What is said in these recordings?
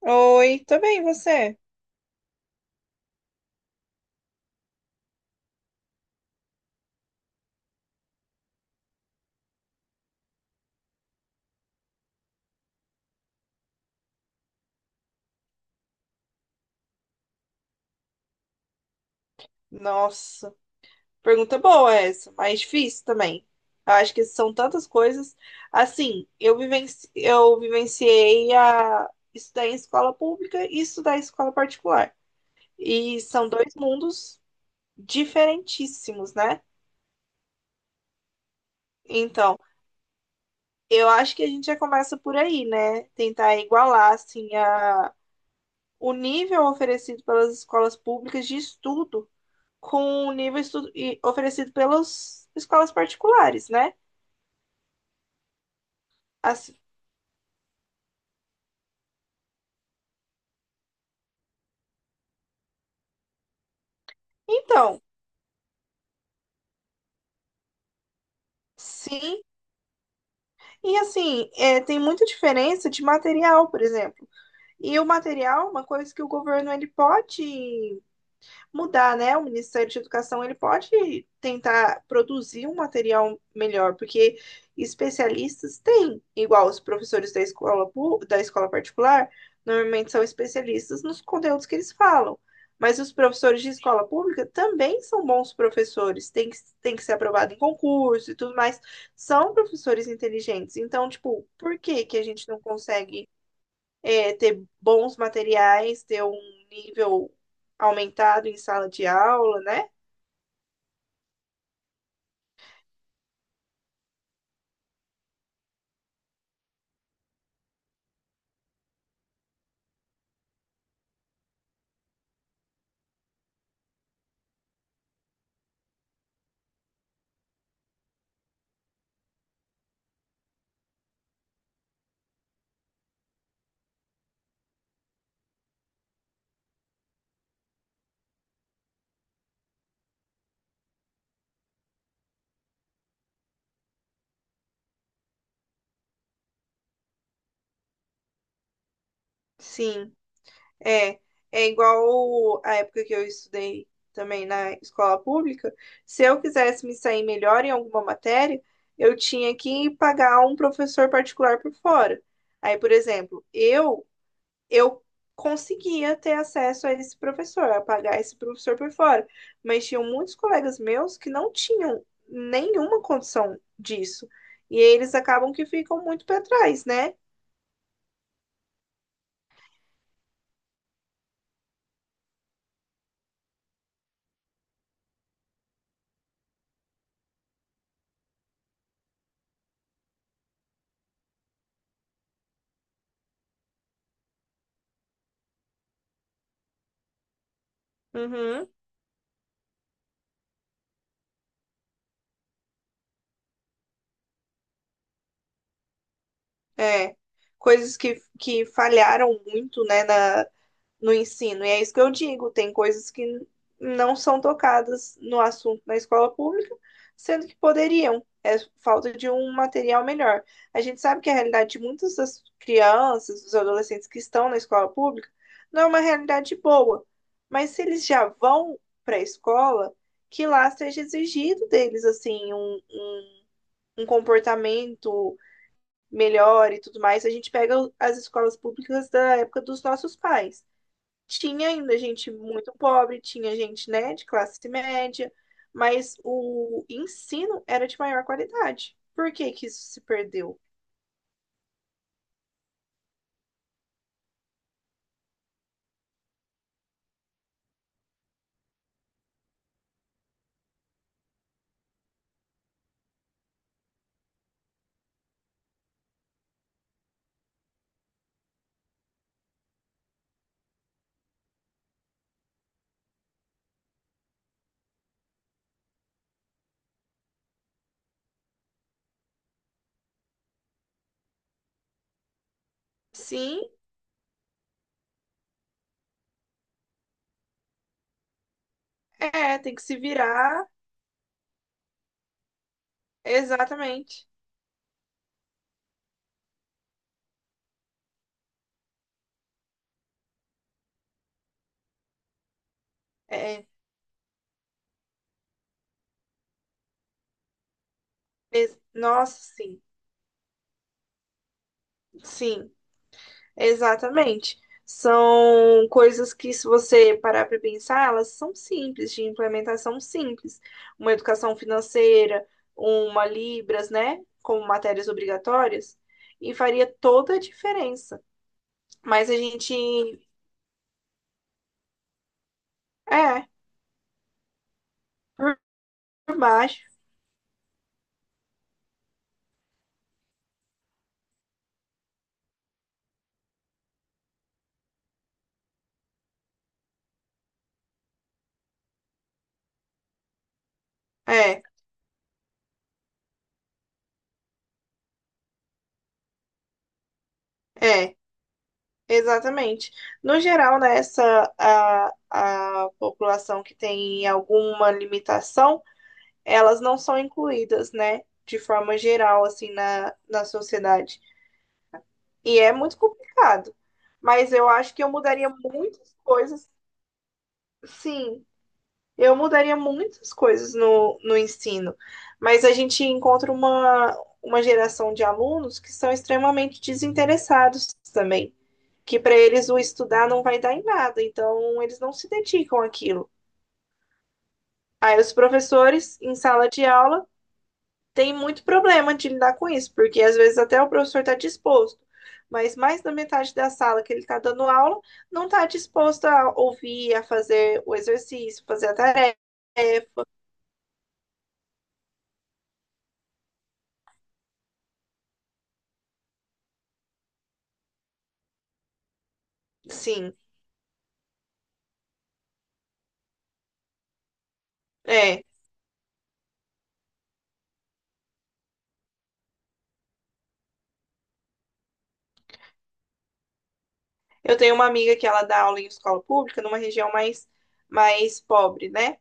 Oi, tudo bem, e você? Nossa, pergunta boa essa, mas difícil também. Eu acho que são tantas coisas. Assim, eu vivenciei a estudar em escola pública e estudar em escola particular. E são dois mundos diferentíssimos, né? Então, eu acho que a gente já começa por aí, né? Tentar igualar, assim, o nível oferecido pelas escolas públicas de estudo com o nível oferecido pelas escolas particulares, né? Assim, então, sim. E assim, é, tem muita diferença de material, por exemplo. E o material, é uma coisa que o governo ele pode mudar, né? O Ministério de Educação ele pode tentar produzir um material melhor, porque especialistas têm, igual os professores da escola, da escola particular, normalmente são especialistas nos conteúdos que eles falam. Mas os professores de escola pública também são bons professores, tem que ser aprovado em concurso e tudo mais. São professores inteligentes. Então, tipo, por que que a gente não consegue é, ter bons materiais, ter um nível aumentado em sala de aula, né? Sim, é. É igual a época que eu estudei também na escola pública. Se eu quisesse me sair melhor em alguma matéria, eu tinha que pagar um professor particular por fora. Aí, por exemplo, eu conseguia ter acesso a esse professor, a pagar esse professor por fora. Mas tinham muitos colegas meus que não tinham nenhuma condição disso. E eles acabam que ficam muito para trás, né? Uhum. É. Coisas que falharam muito, né, no ensino. E é isso que eu digo, tem coisas que não são tocadas no assunto na escola pública, sendo que poderiam. É falta de um material melhor. A gente sabe que a realidade de muitas das crianças, dos adolescentes que estão na escola pública, não é uma realidade boa. Mas se eles já vão para a escola, que lá seja exigido deles, assim, um comportamento melhor e tudo mais. A gente pega as escolas públicas da época dos nossos pais. Tinha ainda gente muito pobre, tinha gente, né, de classe média, mas o ensino era de maior qualidade. Por que que isso se perdeu? Sim, é, tem que se virar, exatamente. É, nossa, sim, sim. Exatamente. São coisas que, se você parar para pensar, elas são simples, de implementação simples. Uma educação financeira, uma Libras, né? Como matérias obrigatórias, e faria toda a diferença. Mas a gente. É, por baixo. É, é, exatamente. No geral, né, a população que tem alguma limitação. Elas não são incluídas, né, de forma geral, assim, na sociedade. E é muito complicado. Mas eu acho que eu mudaria muitas coisas, sim, eu mudaria muitas coisas no ensino. Mas a gente encontra uma geração de alunos que são extremamente desinteressados também. Que para eles o estudar não vai dar em nada, então eles não se dedicam àquilo. Aí os professores, em sala de aula, tem muito problema de lidar com isso, porque às vezes até o professor está disposto, mas mais da metade da sala que ele está dando aula não está disposto a ouvir, a fazer o exercício, fazer a tarefa. Sim, é. Eu tenho uma amiga que ela dá aula em escola pública, numa região mais pobre, né?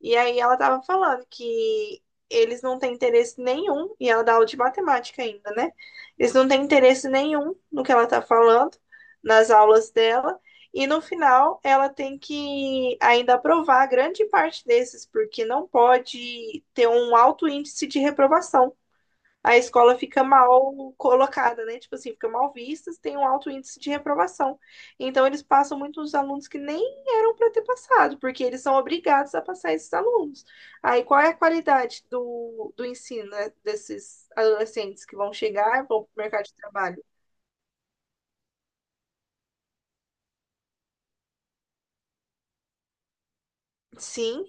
E aí ela tava falando que eles não têm interesse nenhum, e ela dá aula de matemática ainda, né? Eles não têm interesse nenhum no que ela tá falando, nas aulas dela, e no final ela tem que ainda aprovar grande parte desses, porque não pode ter um alto índice de reprovação, a escola fica mal colocada, né? Tipo assim, fica mal vista, tem um alto índice de reprovação. Então, eles passam muitos alunos que nem eram para ter passado, porque eles são obrigados a passar esses alunos. Aí, qual é a qualidade do ensino, né, desses adolescentes que vão chegar e vão para o mercado de trabalho? Sim,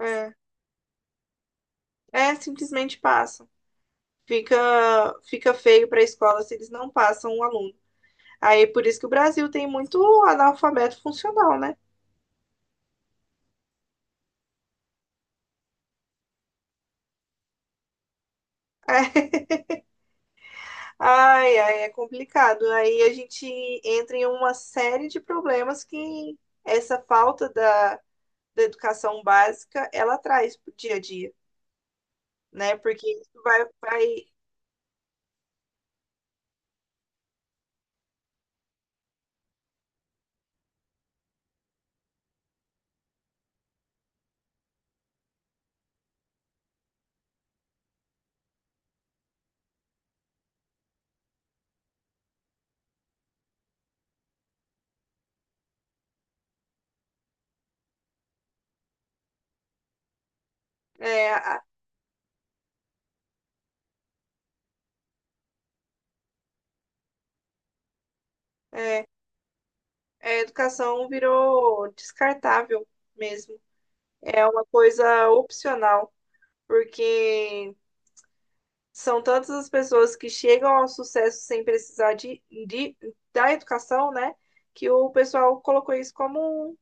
é, é simplesmente passam. Fica, fica feio para a escola se eles não passam um aluno. Aí, por isso que o Brasil tem muito analfabeto funcional, né? É, ai, ai, é complicado. Aí a gente entra em uma série de problemas que essa falta da educação básica ela traz para dia a dia, né? Porque isso vai é, é, a educação virou descartável mesmo. É uma coisa opcional, porque são tantas as pessoas que chegam ao sucesso sem precisar da educação, né? Que o pessoal colocou isso como um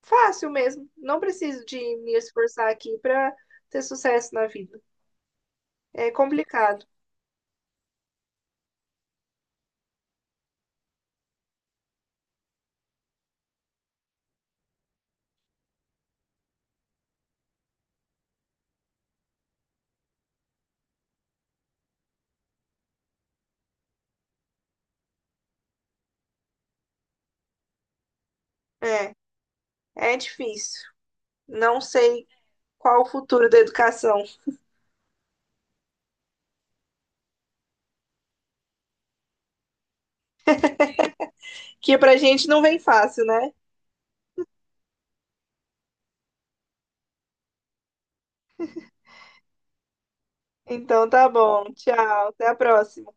fácil mesmo. Não preciso de me esforçar aqui para ter sucesso na vida. É complicado. É, é difícil. Não sei qual o futuro da educação, que pra gente não vem fácil, né? Então tá bom. Tchau. Até a próxima.